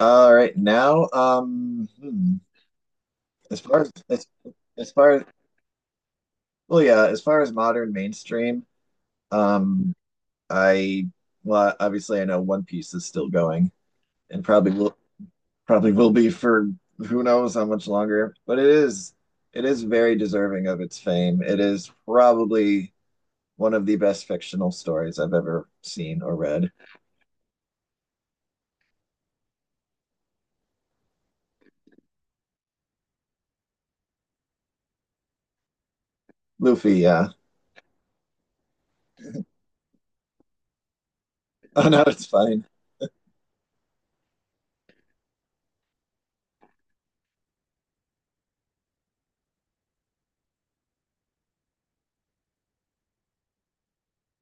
All right, now, as far as far as well, yeah, as far as modern mainstream, um, I well, obviously I know One Piece is still going and probably will be for who knows how much longer, but it is very deserving of its fame. It is probably one of the best fictional stories I've ever seen or read. Luffy, yeah. Oh no, it's fine.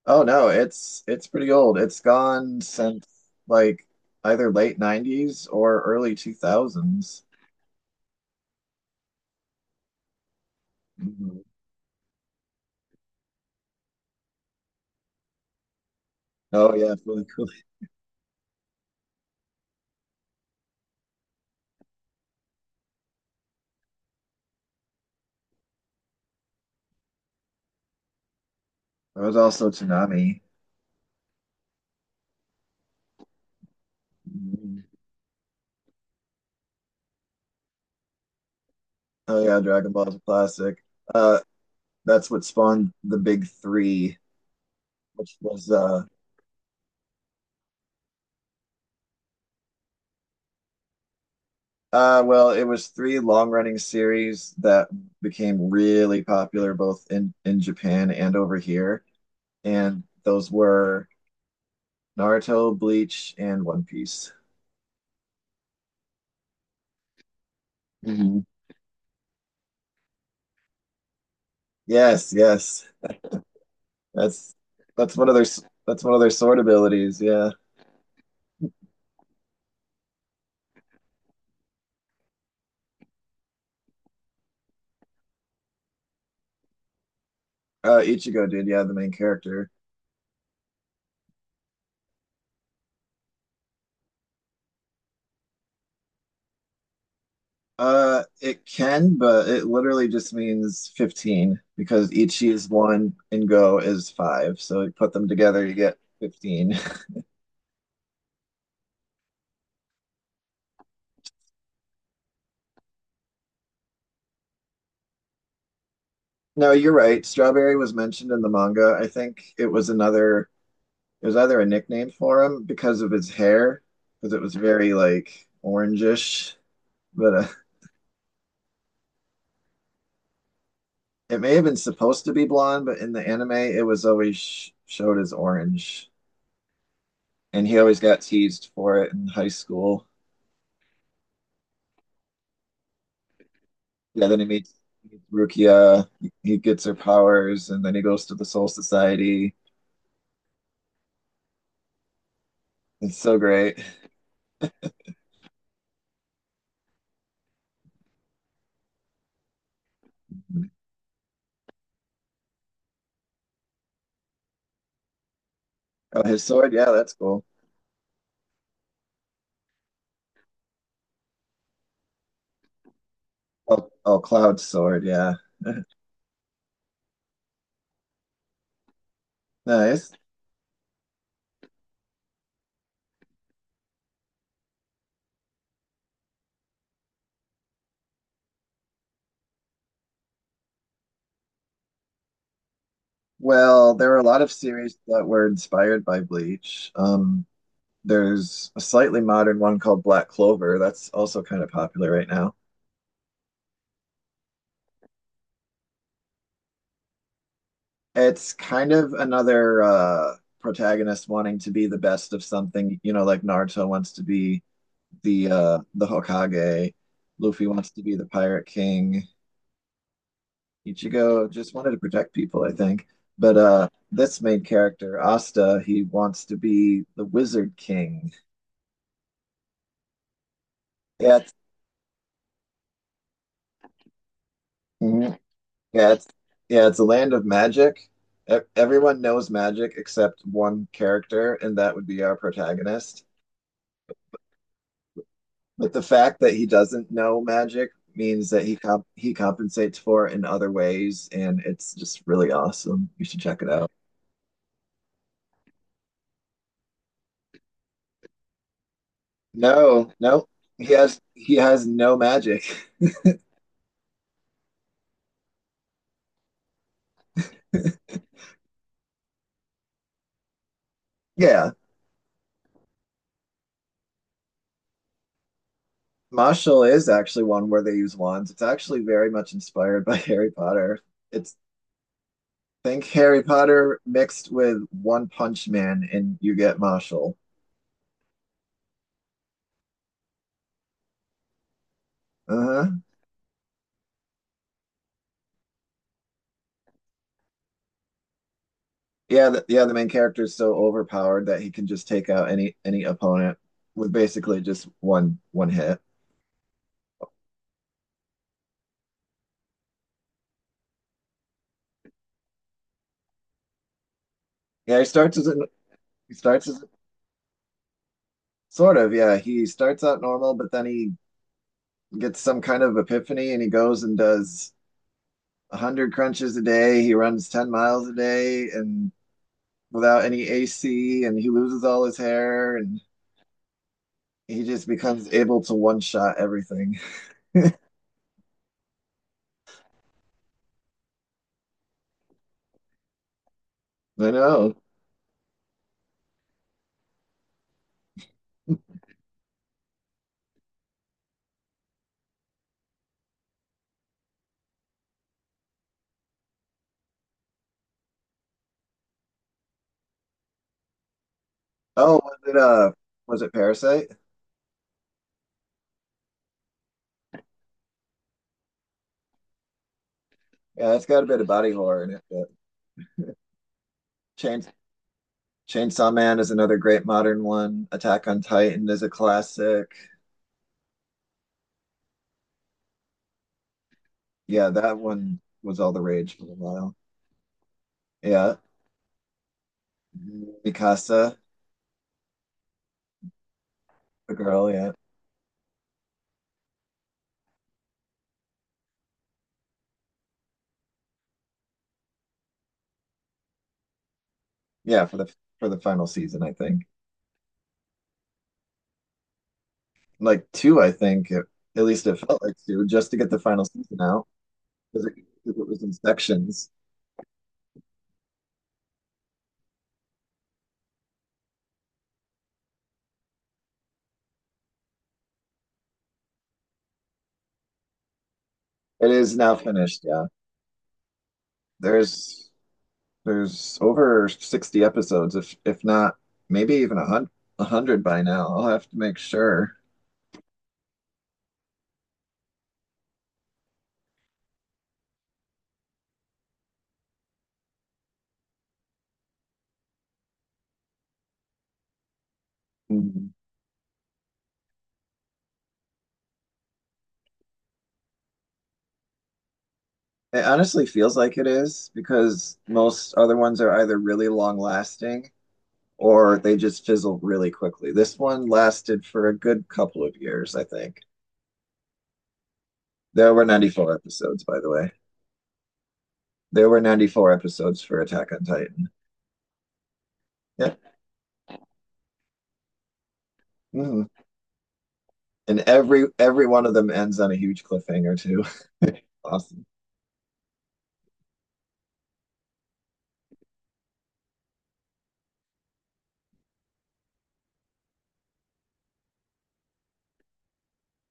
Oh no, it's pretty old. It's gone since like either late 90s or early 2000s. Mhm. Oh yeah, really cool. There was also Tsunami. Mhm. Oh yeah, Dragon Ball's a classic. Uh that's what spawned the big three, which was well, it was three long-running series that became really popular both in Japan and over here, and those were Naruto, Bleach, and One Piece. Yes, yes. That's that's one of their sword abilities. Yeah. Ichigo did. Yeah, the main character. It can, but it literally just means 15 because Ichi is one and Go is five. So you put them together, you get 15. No, you're right. Strawberry was mentioned in the manga. I think it was either a nickname for him because of his hair, because it was very like orangish, but it may have been supposed to be blonde, but in the anime, it was always sh showed as orange, and he always got teased for it in high school. Yeah, then he meets Rukia. He gets her powers, and then he goes to the Soul Society. It's so great. Oh, his sword, yeah, that's cool. Oh, Cloud's sword, yeah, nice. Well, there are a lot of series that were inspired by Bleach. There's a slightly modern one called Black Clover that's also kind of popular right now. It's kind of another protagonist wanting to be the best of something, like Naruto wants to be the Hokage, Luffy wants to be the Pirate King, Ichigo just wanted to protect people, I think. But this main character, Asta, he wants to be the Wizard King. Yeah, mhm. yeah, it's yeah, it's a land of magic. Everyone knows magic except one character, and that would be our protagonist. But the fact that he doesn't know magic means that he compensates for it in other ways, and it's just really awesome. You should check it out. No, no, he has no magic. Yeah, Marshall is actually one where they use wands. It's actually very much inspired by Harry Potter. It's Think Harry Potter mixed with One Punch Man, and you get Marshall. Uh-huh. Yeah, the main character is so overpowered that he can just take out any opponent with basically just one hit. Yeah, he starts as a, he starts as sort of, yeah, he starts out normal, but then he gets some kind of epiphany and he goes and does 100 crunches a day. He runs 10 miles a day and without any AC and he loses all his hair and he just becomes able to one shot everything. I know. Oh, was it Parasite? Yeah, it's got a bit of body horror in it, but changed Chainsaw Man is another great modern one. Attack on Titan is a classic. Yeah, that one was all the rage for a while. Yeah. Mikasa, the girl, yeah. Yeah, for the final season, I think. Like two, I think, at least it felt like two, just to get the final season out. Because it, 'Cause it was in sections. It is now finished, yeah. There's there's over 60 episodes, if not maybe even a hundred by now. I'll have to make sure. It honestly feels like it is because most other ones are either really long lasting or they just fizzle really quickly. This one lasted for a good couple of years, I think. There were 94 episodes, by the way. There were 94 episodes for Attack on Titan. Yeah, hmm And every one of them ends on a huge cliffhanger too. Awesome.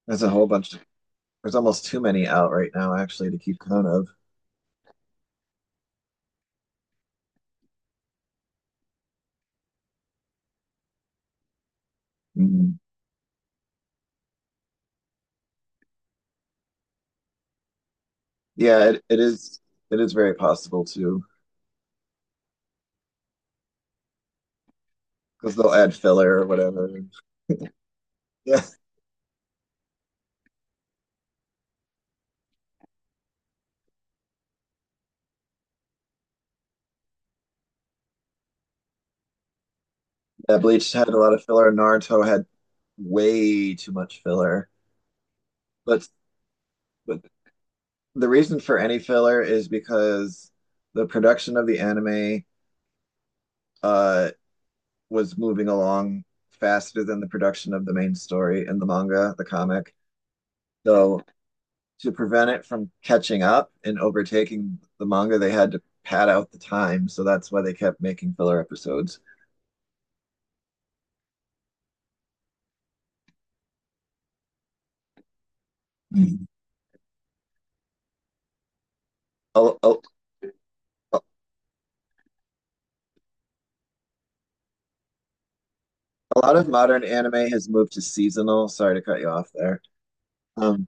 There's a whole bunch. There's almost too many out right now, actually, to keep count of. Mhm. Yeah, it is. It is very possible too, because they'll add filler or whatever. Yeah. Yeah, Bleach had a lot of filler. Naruto had way too much filler. But but the reason for any filler is because the production of the anime uh was moving along faster than the production of the main story in the manga, the comic. So to prevent it from catching up and overtaking the manga, they had to pad out the time. So that's why they kept making filler episodes. Mhm. A, a, a lot of modern anime has moved to seasonal. Sorry to cut you off there. Um,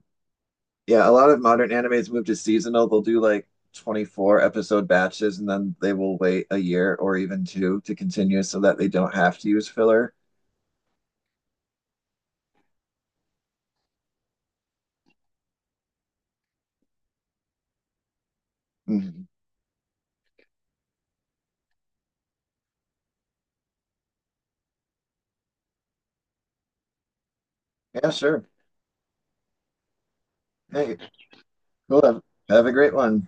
Yeah, a lot of modern animes move to seasonal. They'll do like 24 episode batches and then they will wait a year or even two to continue so that they don't have to use filler. Mhm. Yeah, sure. Hey, cool. Have a great one.